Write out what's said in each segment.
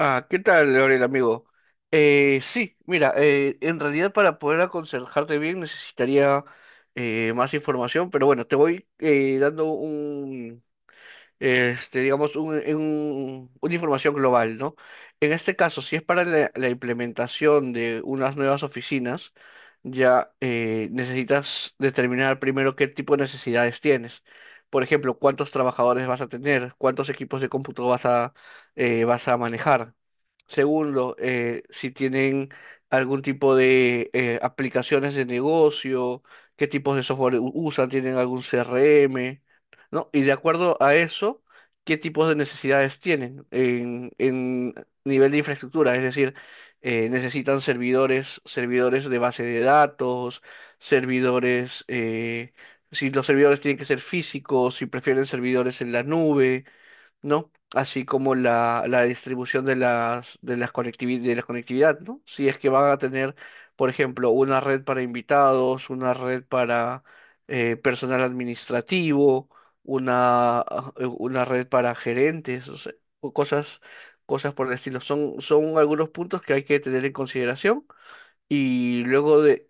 Ah, ¿qué tal, Gabriel, amigo? Sí, mira, en realidad para poder aconsejarte bien necesitaría más información, pero bueno, te voy dando digamos, una información global, ¿no? En este caso, si es para la implementación de unas nuevas oficinas, ya necesitas determinar primero qué tipo de necesidades tienes. Por ejemplo, cuántos trabajadores vas a tener, cuántos equipos de cómputo vas a manejar. Segundo, si tienen algún tipo de aplicaciones de negocio, qué tipos de software usan, tienen algún CRM, ¿no? Y de acuerdo a eso, ¿qué tipos de necesidades tienen en nivel de infraestructura? Es decir, necesitan servidores, servidores de base de datos, servidores, si los servidores tienen que ser físicos, si prefieren servidores en la nube, ¿no? Así como la distribución de de las de la conectividad, ¿no? Si es que van a tener, por ejemplo, una red para invitados, una red para personal administrativo, una red para gerentes, o sea, o cosas, cosas por el estilo. Son algunos puntos que hay que tener en consideración y luego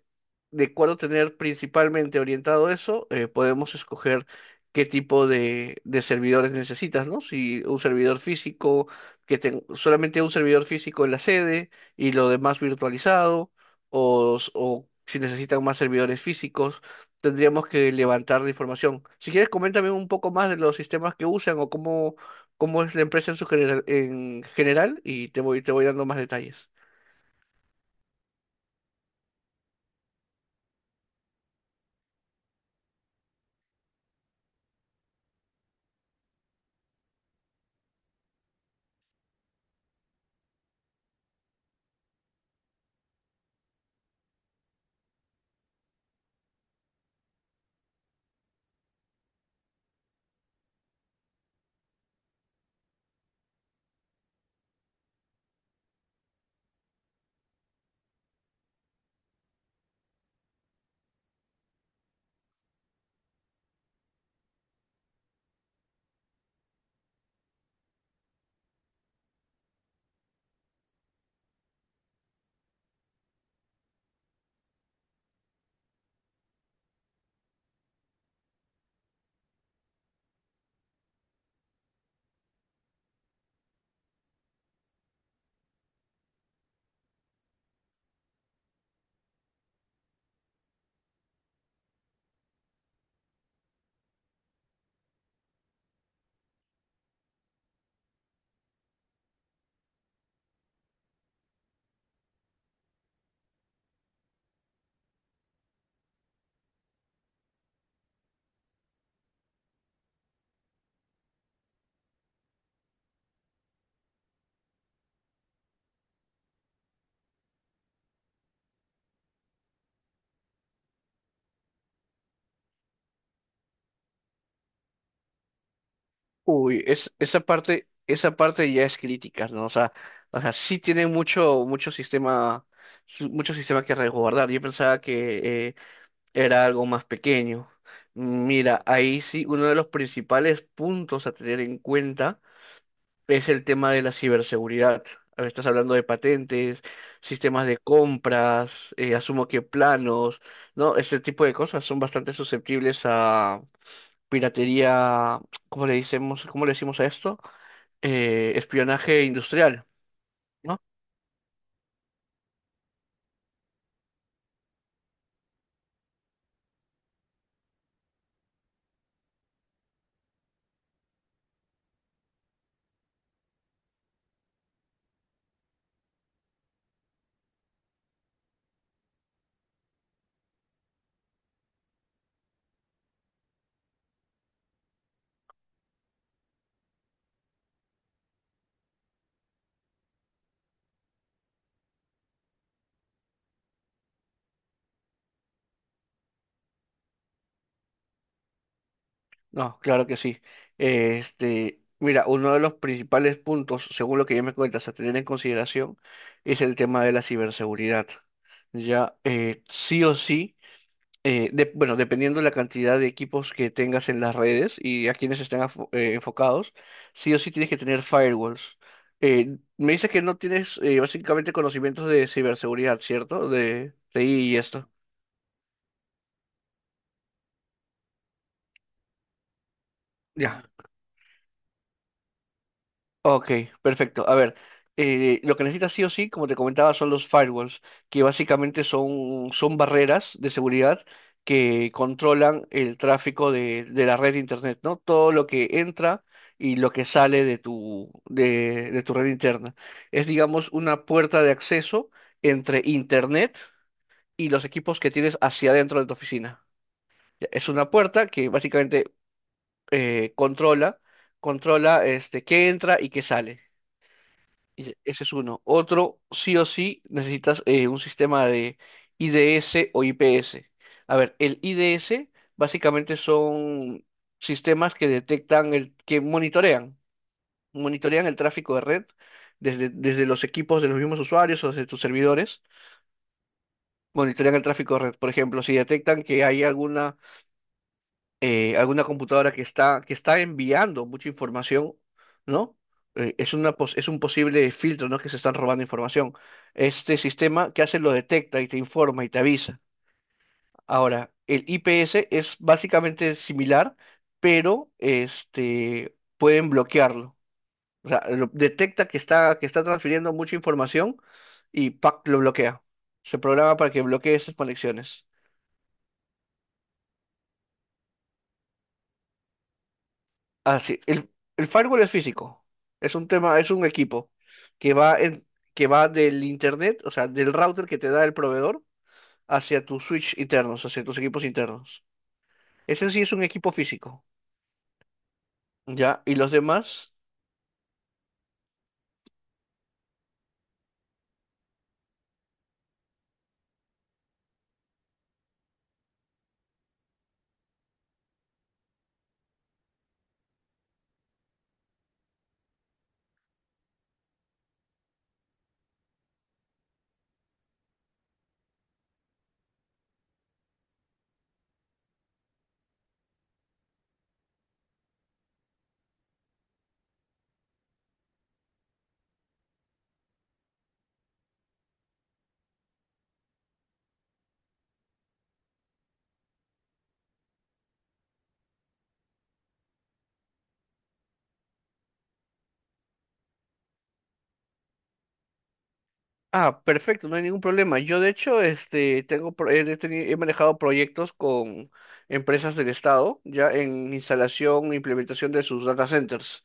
de cuándo tener principalmente orientado eso, podemos escoger qué tipo de servidores necesitas, ¿no? Si un servidor físico, que solamente un servidor físico en la sede y lo demás virtualizado, o si necesitan más servidores físicos, tendríamos que levantar la información. Si quieres, coméntame un poco más de los sistemas que usan o cómo, cómo es la empresa en su general, en general y te voy dando más detalles. Uy, esa parte ya es crítica, ¿no? O sea, sí tiene mucho, mucho sistema, mucho sistema que resguardar. Yo pensaba que era algo más pequeño. Mira, ahí sí, uno de los principales puntos a tener en cuenta es el tema de la ciberseguridad. A ver, estás hablando de patentes, sistemas de compras, asumo que planos, ¿no? Este tipo de cosas son bastante susceptibles a piratería. ¿Cómo le decimos, cómo le decimos a esto? Espionaje industrial, ¿no? No, claro que sí. Este, mira, uno de los principales puntos, según lo que ya me cuentas, a tener en consideración es el tema de la ciberseguridad. Ya, sí o sí, bueno, dependiendo de la cantidad de equipos que tengas en las redes y a quienes estén enfocados, sí o sí tienes que tener firewalls. Me dices que no tienes básicamente conocimientos de ciberseguridad, ¿cierto? De TI y esto. Ya, ok, perfecto. A ver, lo que necesitas sí o sí, como te comentaba, son los firewalls, que básicamente son barreras de seguridad que controlan el tráfico de la red de internet, ¿no? Todo lo que entra y lo que sale de tu red interna. Es, digamos, una puerta de acceso entre internet y los equipos que tienes hacia adentro de tu oficina. Es una puerta que básicamente eh, controla, controla este, qué entra y qué sale. Ese es uno. Otro, sí o sí, necesitas un sistema de IDS o IPS. A ver, el IDS básicamente son sistemas que que monitorean, monitorean el tráfico de red desde los equipos de los mismos usuarios o desde tus servidores, monitorean el tráfico de red. Por ejemplo, si detectan que hay algún alguna computadora que que está enviando mucha información, ¿no? Es un posible filtro, ¿no? Que se están robando información. Este sistema que hace lo detecta y te informa y te avisa. Ahora, el IPS es básicamente similar, pero este, pueden bloquearlo. O sea, detecta que que está transfiriendo mucha información y ¡pac!, lo bloquea. Se programa para que bloquee esas conexiones. Así, el firewall es físico. Es un equipo que va en- que va del internet, o sea, del router que te da el proveedor hacia tus switch internos, hacia tus equipos internos. Ese sí es un equipo físico, ¿ya? Y los demás, ah, perfecto, no hay ningún problema. Yo de hecho, este, tengo, pro- he, teni- he manejado proyectos con empresas del estado, ya en instalación e implementación de sus data centers.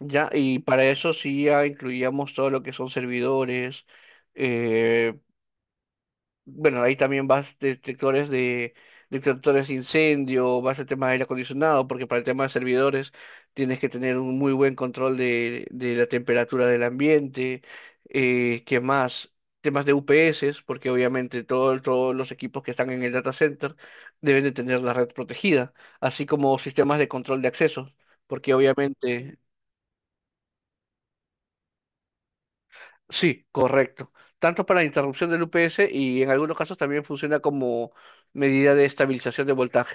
Ya, y para eso sí ya incluíamos todo lo que son servidores, eh, bueno, ahí también vas detectores de incendio, vas al tema de aire acondicionado, porque para el tema de servidores tienes que tener un muy buen control de la temperatura del ambiente, ¿qué más? Temas de UPS, porque obviamente todos los equipos que están en el data center deben de tener la red protegida, así como sistemas de control de acceso, porque obviamente... Sí, correcto. Tanto para interrupción del UPS y en algunos casos también funciona como medida de estabilización de voltaje.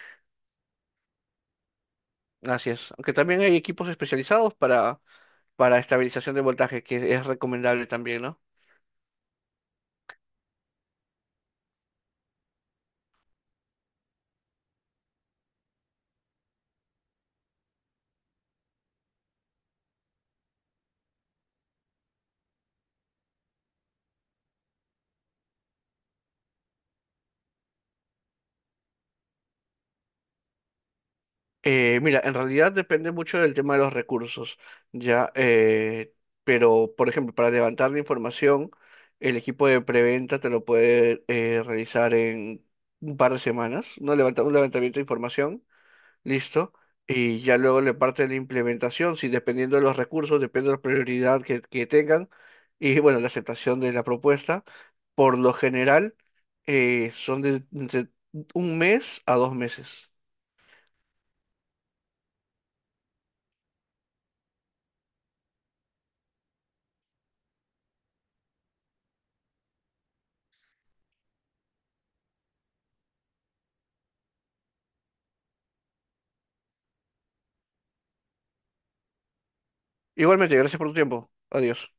Así es. Aunque también hay equipos especializados para estabilización de voltaje, que es recomendable también, ¿no? Mira, en realidad depende mucho del tema de los recursos, ya, pero por ejemplo, para levantar la información, el equipo de preventa te lo puede realizar en un par de semanas, ¿no? Levanta, un levantamiento de información. Listo. Y ya luego le parte la implementación, si dependiendo de los recursos, depende de la prioridad que tengan y bueno, la aceptación de la propuesta. Por lo general, son de entre un mes a dos meses. Igualmente, gracias por tu tiempo. Adiós.